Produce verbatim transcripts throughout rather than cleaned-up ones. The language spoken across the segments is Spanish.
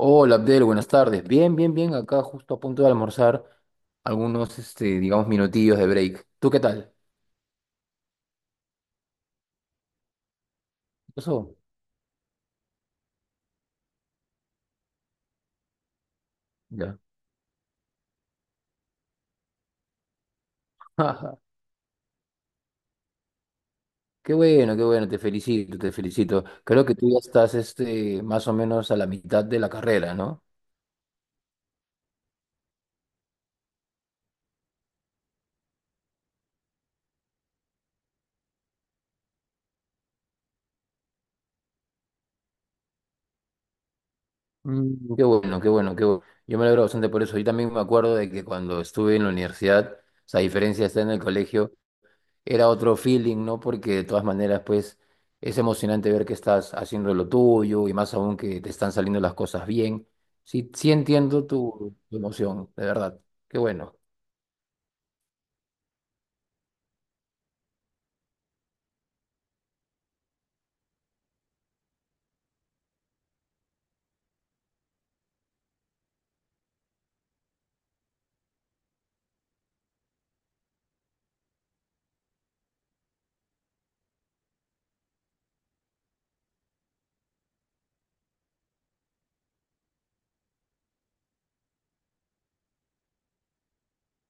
Hola Abdel, buenas tardes. Bien, bien, bien. Acá justo a punto de almorzar algunos, este, digamos, minutillos de break. ¿Tú qué tal? ¿Qué pasó? Ya. Qué bueno, qué bueno. Te felicito, te felicito. Creo que tú ya estás, este, más o menos a la mitad de la carrera, ¿no? Mm, qué bueno, qué bueno, qué bueno. Yo me alegro bastante por eso. Yo también me acuerdo de que cuando estuve en la universidad, o sea, a diferencia de estar en el colegio, era otro feeling, ¿no? Porque de todas maneras, pues, es emocionante ver que estás haciendo lo tuyo y más aún que te están saliendo las cosas bien. Sí, sí entiendo tu, tu emoción, de verdad. Qué bueno.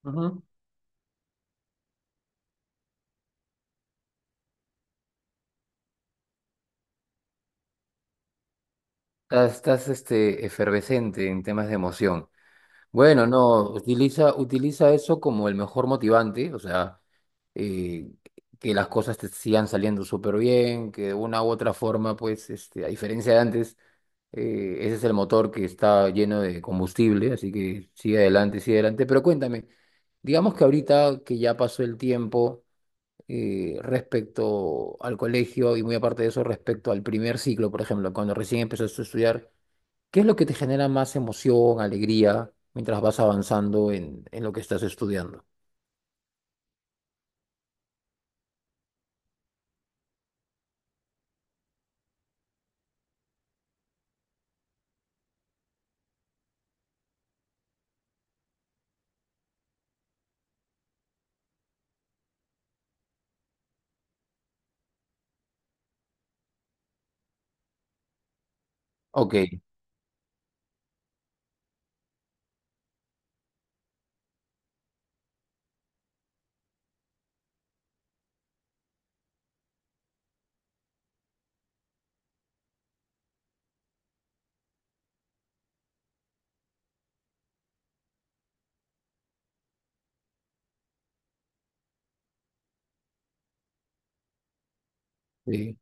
Ujú. Estás, estás, este, efervescente en temas de emoción. Bueno, no, utiliza, utiliza eso como el mejor motivante, o sea, eh, que las cosas te sigan saliendo súper bien, que de una u otra forma, pues, este, a diferencia de antes, eh, ese es el motor que está lleno de combustible, así que sigue adelante, sigue adelante. Pero cuéntame, digamos que ahorita que ya pasó el tiempo eh, respecto al colegio y muy aparte de eso, respecto al primer ciclo, por ejemplo, cuando recién empezaste a estudiar. ¿Qué es lo que te genera más emoción, alegría, mientras vas avanzando en, en lo que estás estudiando? Ok, sí.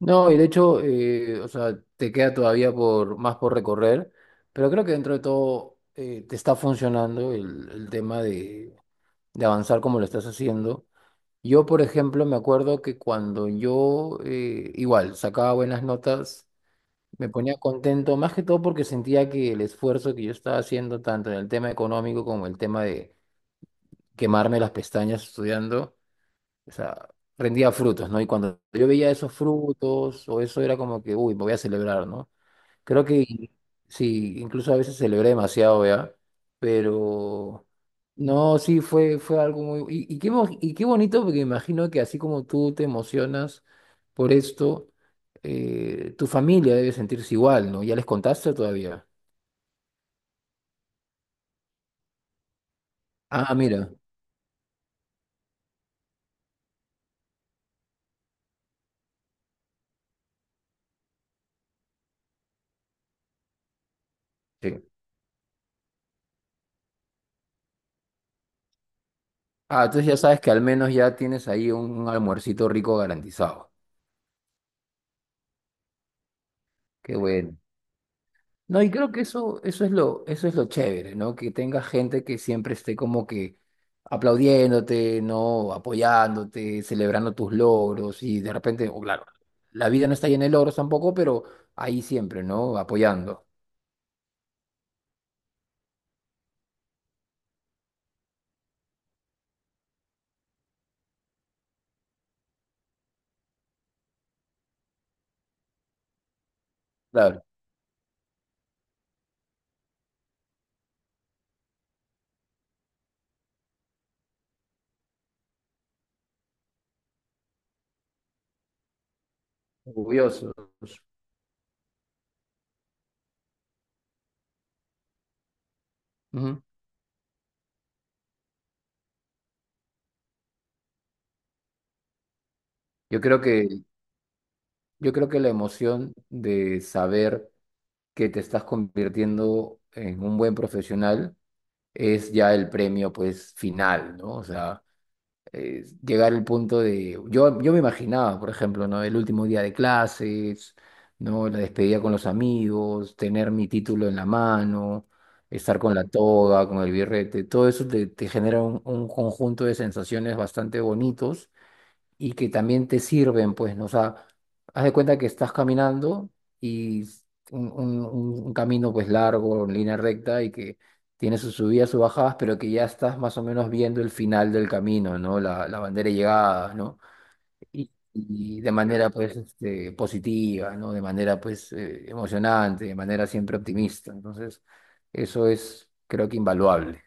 No, y de hecho, eh, o sea, te queda todavía por, más por recorrer, pero creo que dentro de todo eh, te está funcionando el, el tema de, de avanzar como lo estás haciendo. Yo, por ejemplo, me acuerdo que cuando yo, eh, igual, sacaba buenas notas, me ponía contento, más que todo porque sentía que el esfuerzo que yo estaba haciendo, tanto en el tema económico como el tema de quemarme las pestañas estudiando, o sea, rendía frutos, ¿no? Y cuando yo veía esos frutos o eso era como que, uy, me voy a celebrar, ¿no? Creo que sí, incluso a veces celebré demasiado, ¿ya? Pero no, sí, fue, fue algo muy... Y, y qué, mo- y qué bonito, porque imagino que así como tú te emocionas por esto, eh, tu familia debe sentirse igual, ¿no? ¿Ya les contaste todavía? Ah, mira. Sí. Ah, entonces ya sabes que al menos ya tienes ahí un un almuercito rico garantizado. Qué bueno. No, y creo que eso, eso es lo, eso es lo chévere, ¿no? Que tenga gente que siempre esté como que aplaudiéndote, ¿no? Apoyándote, celebrando tus logros y de repente, o claro, la vida no está llena de logros tampoco, pero ahí siempre, ¿no? Apoyando. Claro, orgullosos. Ujú. Yo creo que, yo creo que la emoción de saber que te estás convirtiendo en un buen profesional es ya el premio, pues, final, ¿no? O sea... eh, llegar al punto de... Yo, yo me imaginaba, por ejemplo, ¿no? El último día de clases, ¿no? La despedida con los amigos, tener mi título en la mano, estar con la toga, con el birrete, todo eso te, te genera un, un conjunto de sensaciones bastante bonitos y que también te sirven, pues, ¿no? O sea, haz de cuenta que estás caminando y s- un, un- un- un camino, pues, largo, en línea recta y que tiene sus subidas, sus bajadas, pero que ya estás más o menos viendo el final del camino, ¿no? La, la bandera de llegada, ¿no? Y, y de manera, pues, este, positiva, ¿no? De manera, pues, eh, emocionante, de manera siempre optimista. Entonces, eso es, creo que, invaluable.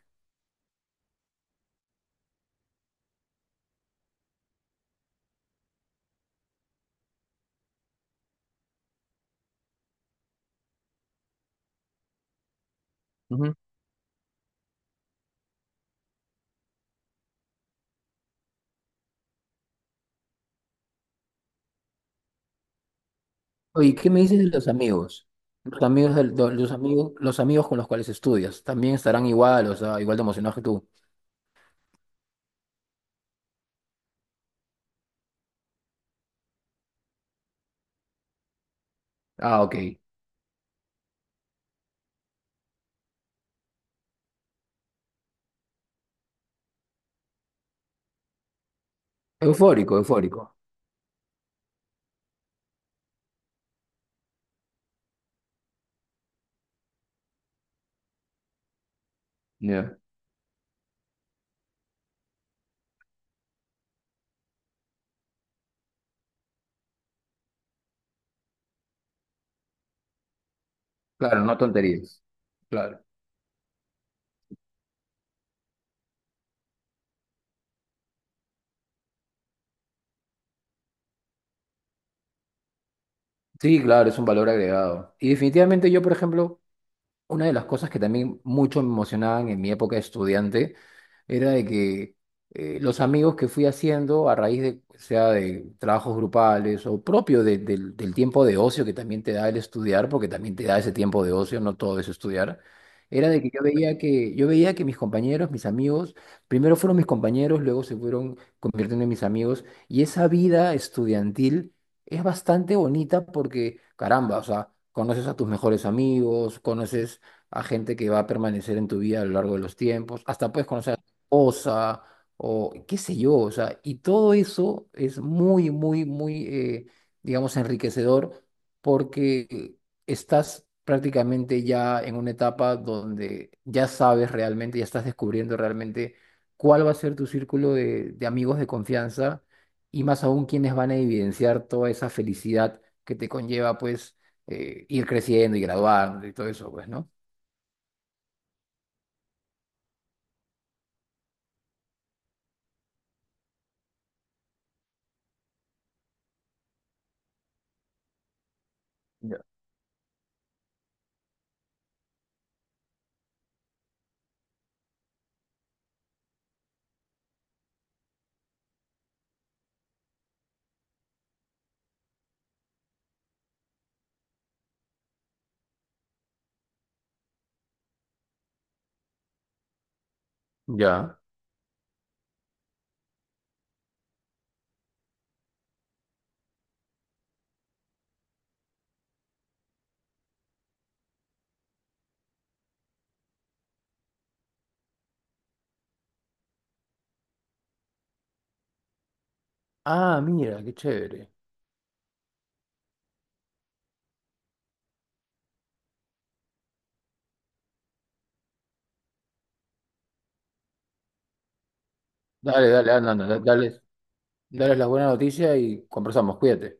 Oye, ¿qué me dices de los amigos? Los amigos, del- do- los amigos, los amigos con los cuales estudias, ¿también estarán igual, o sea, igual de emocionados que tú? Ah, ok. Eufórico, eufórico. Ya. Claro, no tonterías. Claro. Sí, claro, es un valor agregado. Y definitivamente yo, por ejemplo, una de las cosas que también mucho me emocionaban en mi época de estudiante era de que eh, los amigos que fui haciendo a raíz de, sea de trabajos grupales o propio de- del del tiempo de ocio que también te da el estudiar, porque también te da ese tiempo de ocio, no todo es estudiar, era de que yo veía que, yo veía que mis compañeros, mis amigos, primero fueron mis compañeros, luego se fueron convirtiendo en mis amigos, y esa vida estudiantil es bastante bonita porque, caramba, o sea, conoces a tus mejores amigos, conoces a gente que va a permanecer en tu vida a lo largo de los tiempos, hasta puedes conocer a tu esposa o qué sé yo, o sea, y todo eso es muy, muy, muy, eh, digamos, enriquecedor porque estás prácticamente ya en una etapa donde ya sabes realmente, ya estás descubriendo realmente cuál va a ser tu círculo de, de amigos de confianza y más aún quienes van a evidenciar toda esa felicidad que te conlleva, pues, eh, ir creciendo y graduar y todo eso, pues, ¿no? Ya. Ya. Ah, mira, qué chévere. Dale, dale, anda, anda, dale, dale las buenas noticias y conversamos, cuídate.